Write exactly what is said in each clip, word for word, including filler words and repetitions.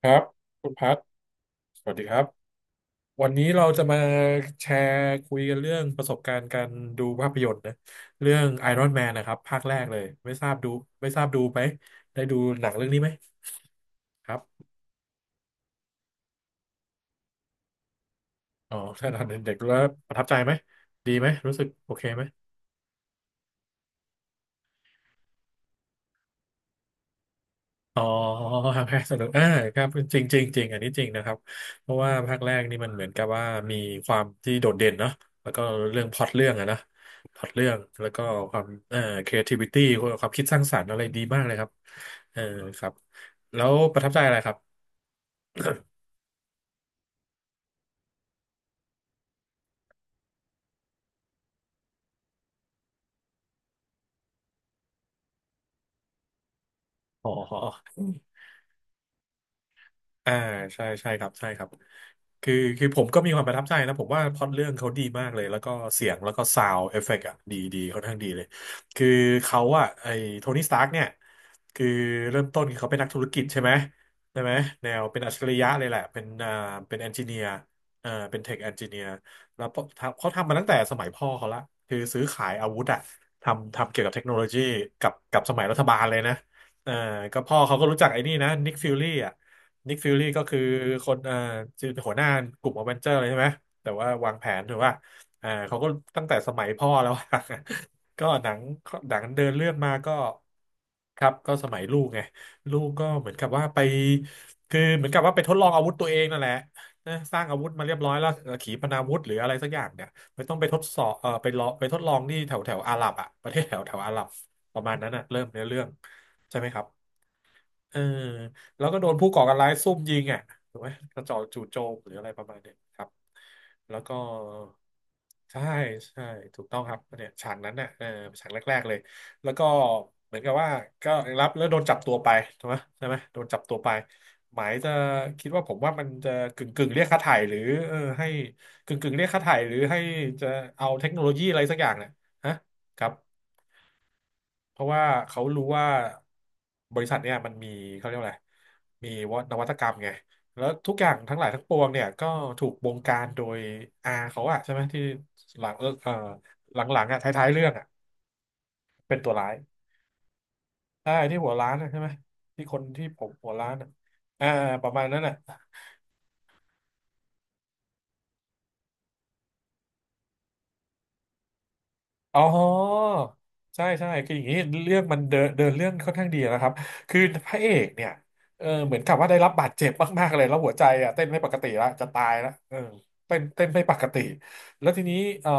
ครับคุณพัทสวัสดีครับวันนี้เราจะมาแชร์คุยกันเรื่องประสบการณ์การดูภาพยนตร์นะเรื่อง Iron Man นะครับภาคแรกเลยไม่ทราบดูไม่ทราบดูไหมได้ดูหนังเรื่องนี้ไหมครับอ๋อ ถ้าตอนเด็กๆแล้วประทับใจไหมดีไหมรู้สึกโอเคไหม อ๋อภาคแรกสนุกอ่าครับจริงจริงจริง อันนี้จริงนะครับ เพราะว่าภาคแรกนี่มันเหมือนกับว่ามีความที่โดดเด่นเนาะแล้วก็เรื่องพล็อตเรื่องอะนะพล็อตเรื่อง แล้วก็ความเอ่อ creativity ความคิดสร้างสรรค์อะไรดีมากเลยครับเออครับ แล้วประทับใจอะไรครับ อ๋อ อ่าใช่ใช่ครับใช่ครับคือคือผมก็มีความประทับใจนะผมว่าพล็อตเรื่องเขาดีมากเลยแล้วก็เสียงแล้วก็ซาวด์เอฟเฟกต์อ่ะดีดีค่อนข้างดีเลยคือเขาอ่ะไอ้โทนี่สตาร์กเนี่ยคือเริ่มต้นคือเขาเป็นนักธุรกิจใช่ไหมใช่ไหมแนวเป็นอัจฉริยะเลยแหละเป็นอ่าเป็นเอนจิเนียร์อ่าเป็นเทคเอนจิเนียร์แล้วพอทำเขาทำมาตั้งแต่สมัยพ่อเขาละคือซื้อขายอาวุธอ่ะทำทำเกี่ยวกับเทคโนโลยีกับกับสมัยรัฐบาลเลยนะเอ่อก็พ่อเขาก็รู้จักไอ้นี่นะนิกฟิลลี่ นิกฟิลลี่ก็คือคนเอ่อคือหัวหน้ากลุ่มอเวนเจอร์เลยใช่ไหมแต่ว่าวางแผนถือว่าอ่าเขาก็ตั้งแต่สมัยพ่อแล้วอะ ก็หนังหนังเดินเรื่องมาก็ครับก็สมัยลูกไงลูกก็เหมือนกับว่าไปคือเหมือนกับว่าไปทดลองอาวุธตัวเองนั่นแหละนะสร้างอาวุธมาเรียบร้อยแล้วเอ่อขีปนาวุธหรืออะไรสักอย่างเนี่ยไม่ต้องไปทดสอบเออไปลองไปทดลองที่แถวแถวอาหรับอ่ะประเทศแถวแถวอาหรับประมาณนั้นอ่ะเริ่มเนื้อเรื่องใช่ไหมครับ เออแล้วก็โดนผู้ก่อการร้ายซุ่มยิงอ่ะถูกไหมกระจอกจู่โจมหรืออะไรประมาณเนี้ยครับแล้วก็ใช่ใช่ถูกต้องครับเนี่ยฉากนั้นน่ะเออฉากแรกๆเลยแล้วก็เหมือนกับว่าก็รับแล้วโดนจับตัวไปถูกไหมใช่ไหมโดนจับตัวไปหมายจะคิดว่าผมว่ามันจะกึ่งกึ่งเรียกค่าไถ่หรือเออให้กึ่งกึ่งเรียกค่าไถ่หรือให้จะเอาเทคโนโลยีอะไรสักอย่างเนี่ยฮะครับ เพราะว่าเขารู้ว่าบริษัทเนี่ยมันมีเขาเรียกว่าอะไรมีว่นวัตกรรมไงแล้วทุกอย่างทั้งหลายทั้งปวงเนี่ยก็ถูกบงการโดยอาเขาอะใช่ไหมที่หลังเออเอ่อหลังๆอะท้ายๆเรื่องอะเป็นตัวร้ายใช่ที่หัวร้านอะใช่ไหมที่คนที่ผมหัวร้านอะอ่าประมาณนั้นอะ อ๋อใช่ใช่คืออย่างนี้เรื่องมันเดินเดินเรื่องค่อนข้างดีนะครับคือพระเอกเนี่ยเออเหมือนกับว่าได้รับบาดเจ็บมากๆเลยแล้วหัวใจอ่ะเต้นไม่ปกติแล้วจะตายแล้วเออเต้นเต้นไม่ปกติแล้วทีนี้เออ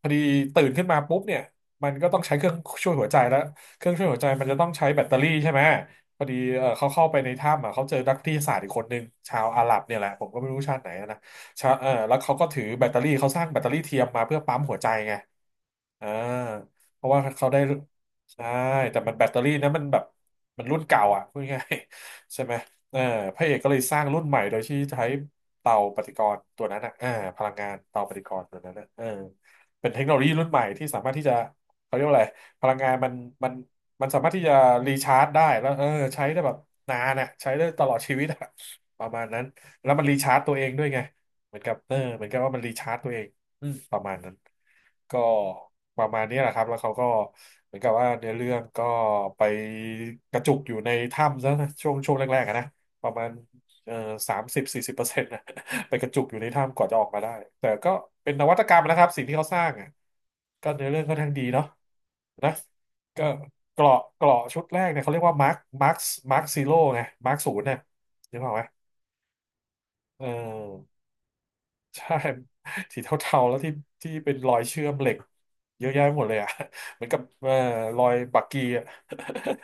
พอดีตื่นขึ้นมาปุ๊บเนี่ยมันก็ต้องใช้เครื่องช่วยหัวใจแล้วเครื่องช่วยหัวใจมันจะต้องใช้แบตเตอรี่ใช่ไหมพอดีเออเขาเข้าไปในถ้ำอ่ะเขาเจอนักวิทยาศาสตร์อีกคนนึงชาวอาหรับเนี่ยแหละผมก็ไม่รู้ชาติไหนนะ ชาเออแล้วเขาก็ถือแบตเตอรี่เขาสร้างแบตเตอรี่เทียมมาเพื่อปั๊มหัวใจไงอ่าเพราะว่าเขาได้ใช่แต่มันแบตเตอรี่นะมันแบบมันรุ่นเก่าอ่ะพูดง่ายๆใช่ไหมเออพระเอกก็เลยสร้างรุ่นใหม่โดยที่ใช้เตาปฏิกรณ์ตัวนั้นอ่ะเออพลังงานเตาปฏิกรณ์ตัวนั้นนะเออเป็นเทคโนโลยีรุ่นใหม่ที่สามารถที่จะเขาเรียกว่าอะไรพลังงานมันมันมันสามารถที่จะรีชาร์จได้แล้วเออใช้ได้แบบนานอ่ะใช้ได้ตลอดชีวิตอะประมาณนั้นแล้วมันรีชาร์จตัวเองด้วยไง เหมือนกับเออเหมือนกับว่ามันรีชาร์จตัวเองอืมประมาณนั้นก็ประมาณนี้แหละครับแล้วเขาก็เหมือนกับว่าเนื้อเรื่องก็ไปกระจุกอยู่ในถ้ำซะนะช่วงช่วงแรกๆอะนะประมาณเอ่อสามสิบสี่สิบเปอร์เซ็นต์นะ ไปกระจุกอยู่ในถ้ำก่อนจะออกมาได้แต่ก็เป็นนวัตกรรมนะครับสิ่งที่เขาสร้างอ่ะก็เนื้อเรื่องค่อนข้างดีเนาะนะก็เกราะเกราะชุดแรกเนี่ยเขาเรียกว่ามาร์คมาร์คมาร์คซีโร่ไงมาร์คศูนย์เนี่ยนึกออกไหมเออ ใช่ สีเทาๆแล้วที่ที่เป็นรอยเชื่อมเหล็กเยอะแยะหมดเลยอ่ะ เหมือนกับเอ่อรอยบักกี้อ่ะ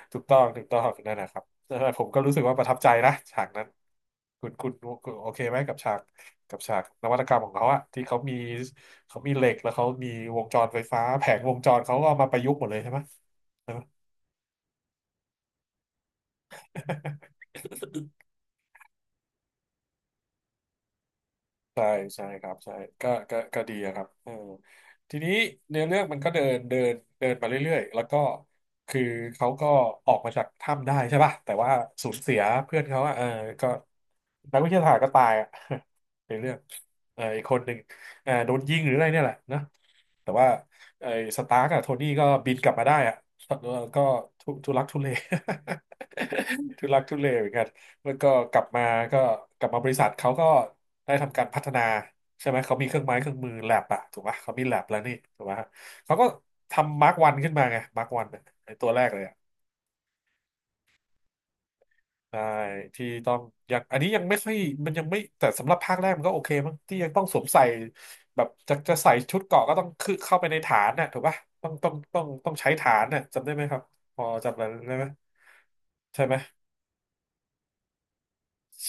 ถูกต้องถูกต้องนั่นนะครับเออผมก็รู้สึกว่าประทับใจนะฉากนั้นคุณคุณคุณโอเคไหมกับฉากกับฉากนวัตกรรมของเขาอะที่เขามีเขามีเหล็กแล้วเขามีวงจรไฟฟ้าแผงวงจรเขาก็เอามาประยุกต์หมดเลยใช่ไหมใช่ไหม ใช่ใช่ครับใช่ก็ก็ก็ดีอะครับเออทีนี้เนื้อเรื่องมันก็เดินเดินเดินมาเรื่อยๆแล้วก็คือเขาก็ออกมาจากถ้ำได้ใช่ป่ะแต่ว่าสูญเสียเพื่อนเขาอะเออก็นักวิทยาศาสตร์ก็ตายอะ ในเรื่องเอออีกคนหนึ่งเออโดนยิงหรืออะไรเนี่ยแหละนะแต่ว่าไอ้สตาร์กอะโทนี่ก็บินกลับมาได้อะแล้วก็ทุทุลักทุเล ทุลักทุเลเหมือนกัน แล้วก็กลับมาก็กลับมาบริษัทเขาก็ได้ทำการพัฒนาใช่ไหมเขามีเครื่องไม้เครื่องมือแลบอะถูกปะเขามีแลบแล้วนี่ถูกปะเขาก็ทำมาร์กวันขึ้นมาไงมาร์กวันไอตัวแรกเลยอะใช่ที่ต้องยังอันนี้ยังไม่ค่อยมันยังไม่แต่สำหรับภาคแรกมันก็โอเคมั้งที่ยังต้องสวมใส่แบบจะจะใส่ชุดเกราะก็ต้องคือเข้าไปในฐานน่ะถูกปะต้องต้องต้องต้องใช้ฐานน่ะจำได้ไหมครับพอจำได้ไหมใช่ไหม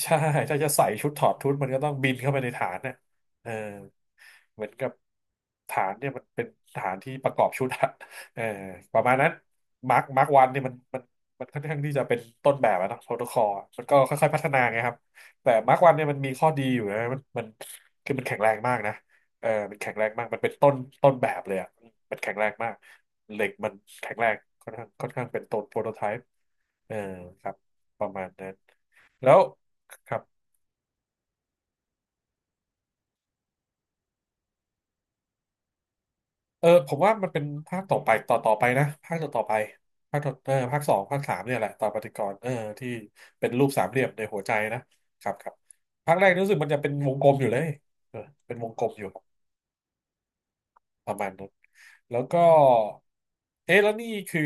ใช่ถ้าจะใส่ชุดถอดชุดมันก็ต้องบินเข้าไปในฐานเนี่ยเออเหมือนกับฐานเนี่ยมันเป็นฐานที่ประกอบชุดอะเออประมาณนั้นมาร์คมาร์ควันเนี่ยมันมันมันค่อนข้างที่จะเป็นต้นแบบอะเนอะโปรโตคอลมันก็ค่อยๆพัฒนาไงครับแต่มาร์ควันเนี่ยมันมีข้อดีอยู่นะมันมันคือมันแข็งแรงมากนะเออมันแข็งแรงมากมันเป็นต้นต้นแบบเลยอะมันแข็งแรงมากเหล็กมันแข็งแรงค่อนข้างค่อนข้างเป็นต้นโปรโตไทป์เออครับประมาณนั้น แล้วครับเออผมว่ามันเป็นภาคต่อไปต่อต่อไปนะภาคต่อต่อไปภาคต่อเออภาคสองภาคสามเนี่ยแหละต่อปฏิกรณ์เออที่เป็นรูปสามเหลี่ยมในหัวใจนะครับครับภาคแรกรู้สึกมันจะเป็นวงกลมอยู่เลยเออเป็นวงกลมอยู่ประมาณนั้นแล้วก็เอ๊ะแล้วนี่คือ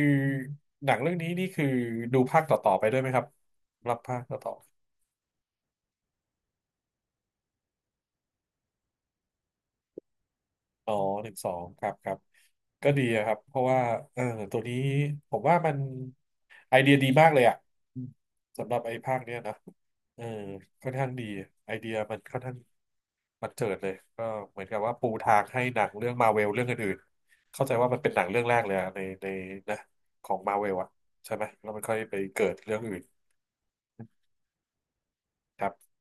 หนังเรื่องนี้นี่คือดูภาคต่อต่อไปด้วยไหมครับรับภาคต่อต่อ อ๋อหนึ่งสองครับครับก็ดีอะครับเพราะว่าเออตัวนี้ผมว่ามันไอเดียดีมากเลยอ่ะอืมสำหรับไอ้ภาคเนี้ยนะเออค่อนข้างดีไอเดียมันค่อนข้างมันเจิดเลยก็เหมือนกับว่าปูทางให้หนังเรื่องมาเวลเรื่องอื่นๆเข้าใจว่ามันเป็นหนังเรื่องแรกเลยอะในในนะของมาเวลอะใช่ไหมแล้วมันค่อยไปเกิดเรื่องอื่นครับ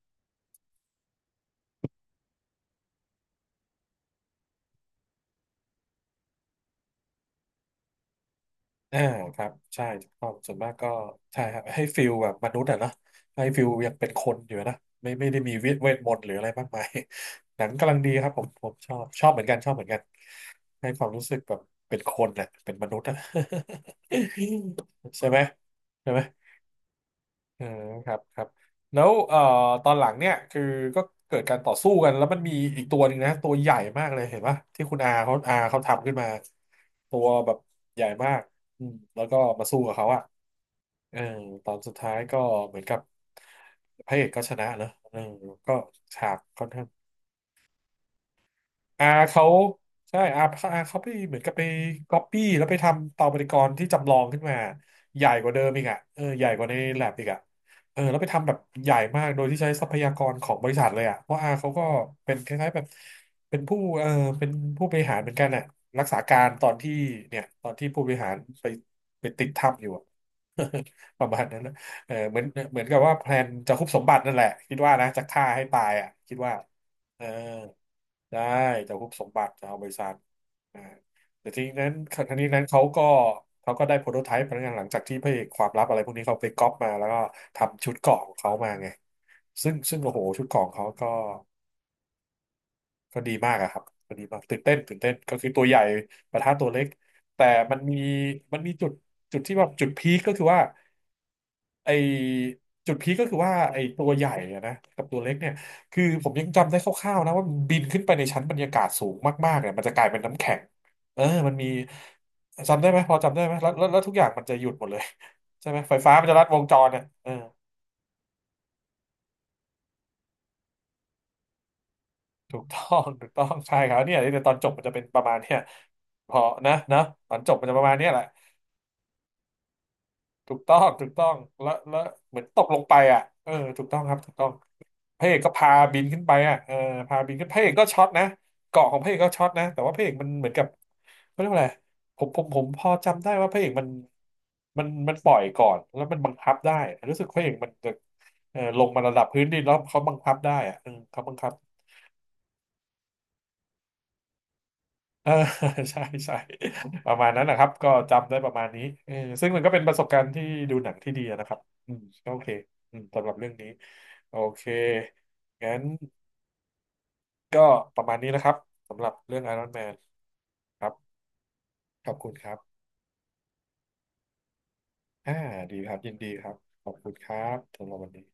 อ่าครับใช่ถูกต้องส่วนมากก็ใช่ครับให้ฟิลแบบมนุษย์อะเนาะให้ฟิลยังเป็นคนอยู่นะไม่ไม่ได้มีเวทเวทมนต์หรืออะไรมากมาย หนังกำลังดีครับผมผมชอบชอบเหมือนกันชอบเหมือนกันให้ความรู้สึกแบบเป็นคนน่ะเป็นมนุษย์อะ ใช่ไหมใช่ไหม อืมครับครับแล้วเอ่อตอนหลังเนี่ยคือก็เกิดการต่อสู้กันแล้วมันมีอีกตัวหนึ่งนะตัวใหญ่มากเลยเห็นปะที่คุณอาเขาอาเขาทำขึ้นมาตัวแบบใหญ่มากอืมแล้วก็มาสู้กับเขาอะเออตอนสุดท้ายก็เหมือนกับพระเอกก็ชนะเนอะเออก็ฉากค่อนข้าง อาเขาใช่อาอาเขาไปเหมือนกับไปก๊อปปี้แล้วไปทำเตาปฏิกรณ์ที่จำลองขึ้นมาใหญ่กว่าเดิมอีกอ่ะเออใหญ่กว่าในแลบอีกอ่ะเออแล้วไปทำแบบใหญ่มากโดยที่ใช้ทรัพยากรของบริษัทเลยอ่ะเพราะอาเขาก็เป็นคล้ายๆแบบเป็นผู้เออเป็นผู้บริหารเหมือนกันอ่ะรักษาการตอนที่เนี่ยตอนที่ผู้บริหารไปไปติดถ้ำอยู่อะ ประมาณนั้นนะเออเหมือนเหมือนกับว่าแพลนจะคุบสมบัตินั่นแหละคิดว่านะจะฆ่าให้ตายอ่ะคิดว่า อ่าได้จะฮุบสมบัติจะเอาบริษัทอ่าแต่ทีนั้นทีนี้นั้นเขาก็เขาก็ได้โปรโตไทป์พนักงานหลังจากที่พระเอกความลับอะไรพวกนี้เขาไปก๊อปมาแล้วก็ทำชุดเกราะของเขามาไงซึ่งซึ่งโอ้โหชุดเกราะของเขาก็ก็ดีมากอะครับก็ดีมากตื่นเต้นตื่นเต้นก็คือตัวใหญ่ปะทะตัวเล็กแต่มันมีมันมีจุดจุดที่แบบจุดพีคก็คือว่า ไอจุดพีคก็คือว่าไอตัวใหญ่อะนะกับตัวเล็กเนี่ยคือผมยังจำได้คร่าวๆนะว่ามันบินขึ้นไปในชั้นบรรยากาศสูงมากๆเนี่ยมันจะกลายเป็นน้ำแข็งเออมันมีจำได้ไหมพอจำได้ไหมแล้วแล้วแล้วทุกอย่างมันจะหยุดหมดเลยใช่ไหมไฟฟ้ามันจะลัดวงจรเนี่ยเออถูกต้องถูกต้องใช่ครับเนี่ยในตอนจบมันจะเป็นประมาณเนี่ยพอนะนะตอนจบมันจะประมาณเนี้ยแหละถูกต้องถูกต้องแล้วแล้วเหมือนตกลงไปอ่ะเออถูกต้องครับถูกต้อง พระเอกก็พาบินขึ้นไปอ่ะเออพาบินขึ้นพระเอกก็ช็อตนะเกาะของพระเอกก็ช็อตนะแต่ว่าพระเอกมันเหมือนกับเขาเรียกว่าอะไรผมผมผมพอจำได้ว่าพระเอกมันมันมันปล่อยก่อนแล้วมันบังคับได้รู้สึกพระเอกมันจะเออลงมาระดับพื้นดินแล้วเขาบังคับได้อ่ะเออเขาบังคับเออ ใช่ใช่ประมาณนั้นนะครับก็จำได้ประมาณนี้เออซึ่งมันก็เป็นประสบการณ์ที่ดูหนังที่ดีนะครับอืมก็โอเคอืมสำหรับเรื่องนี้โอเคงั้น ก็ประมาณนี้นะครับสำหรับเรื่อง ไอรอนแมน ครับขอบคุณครับอ่าดีครับยินดีครับขอบคุณครับสำหรับวันนี้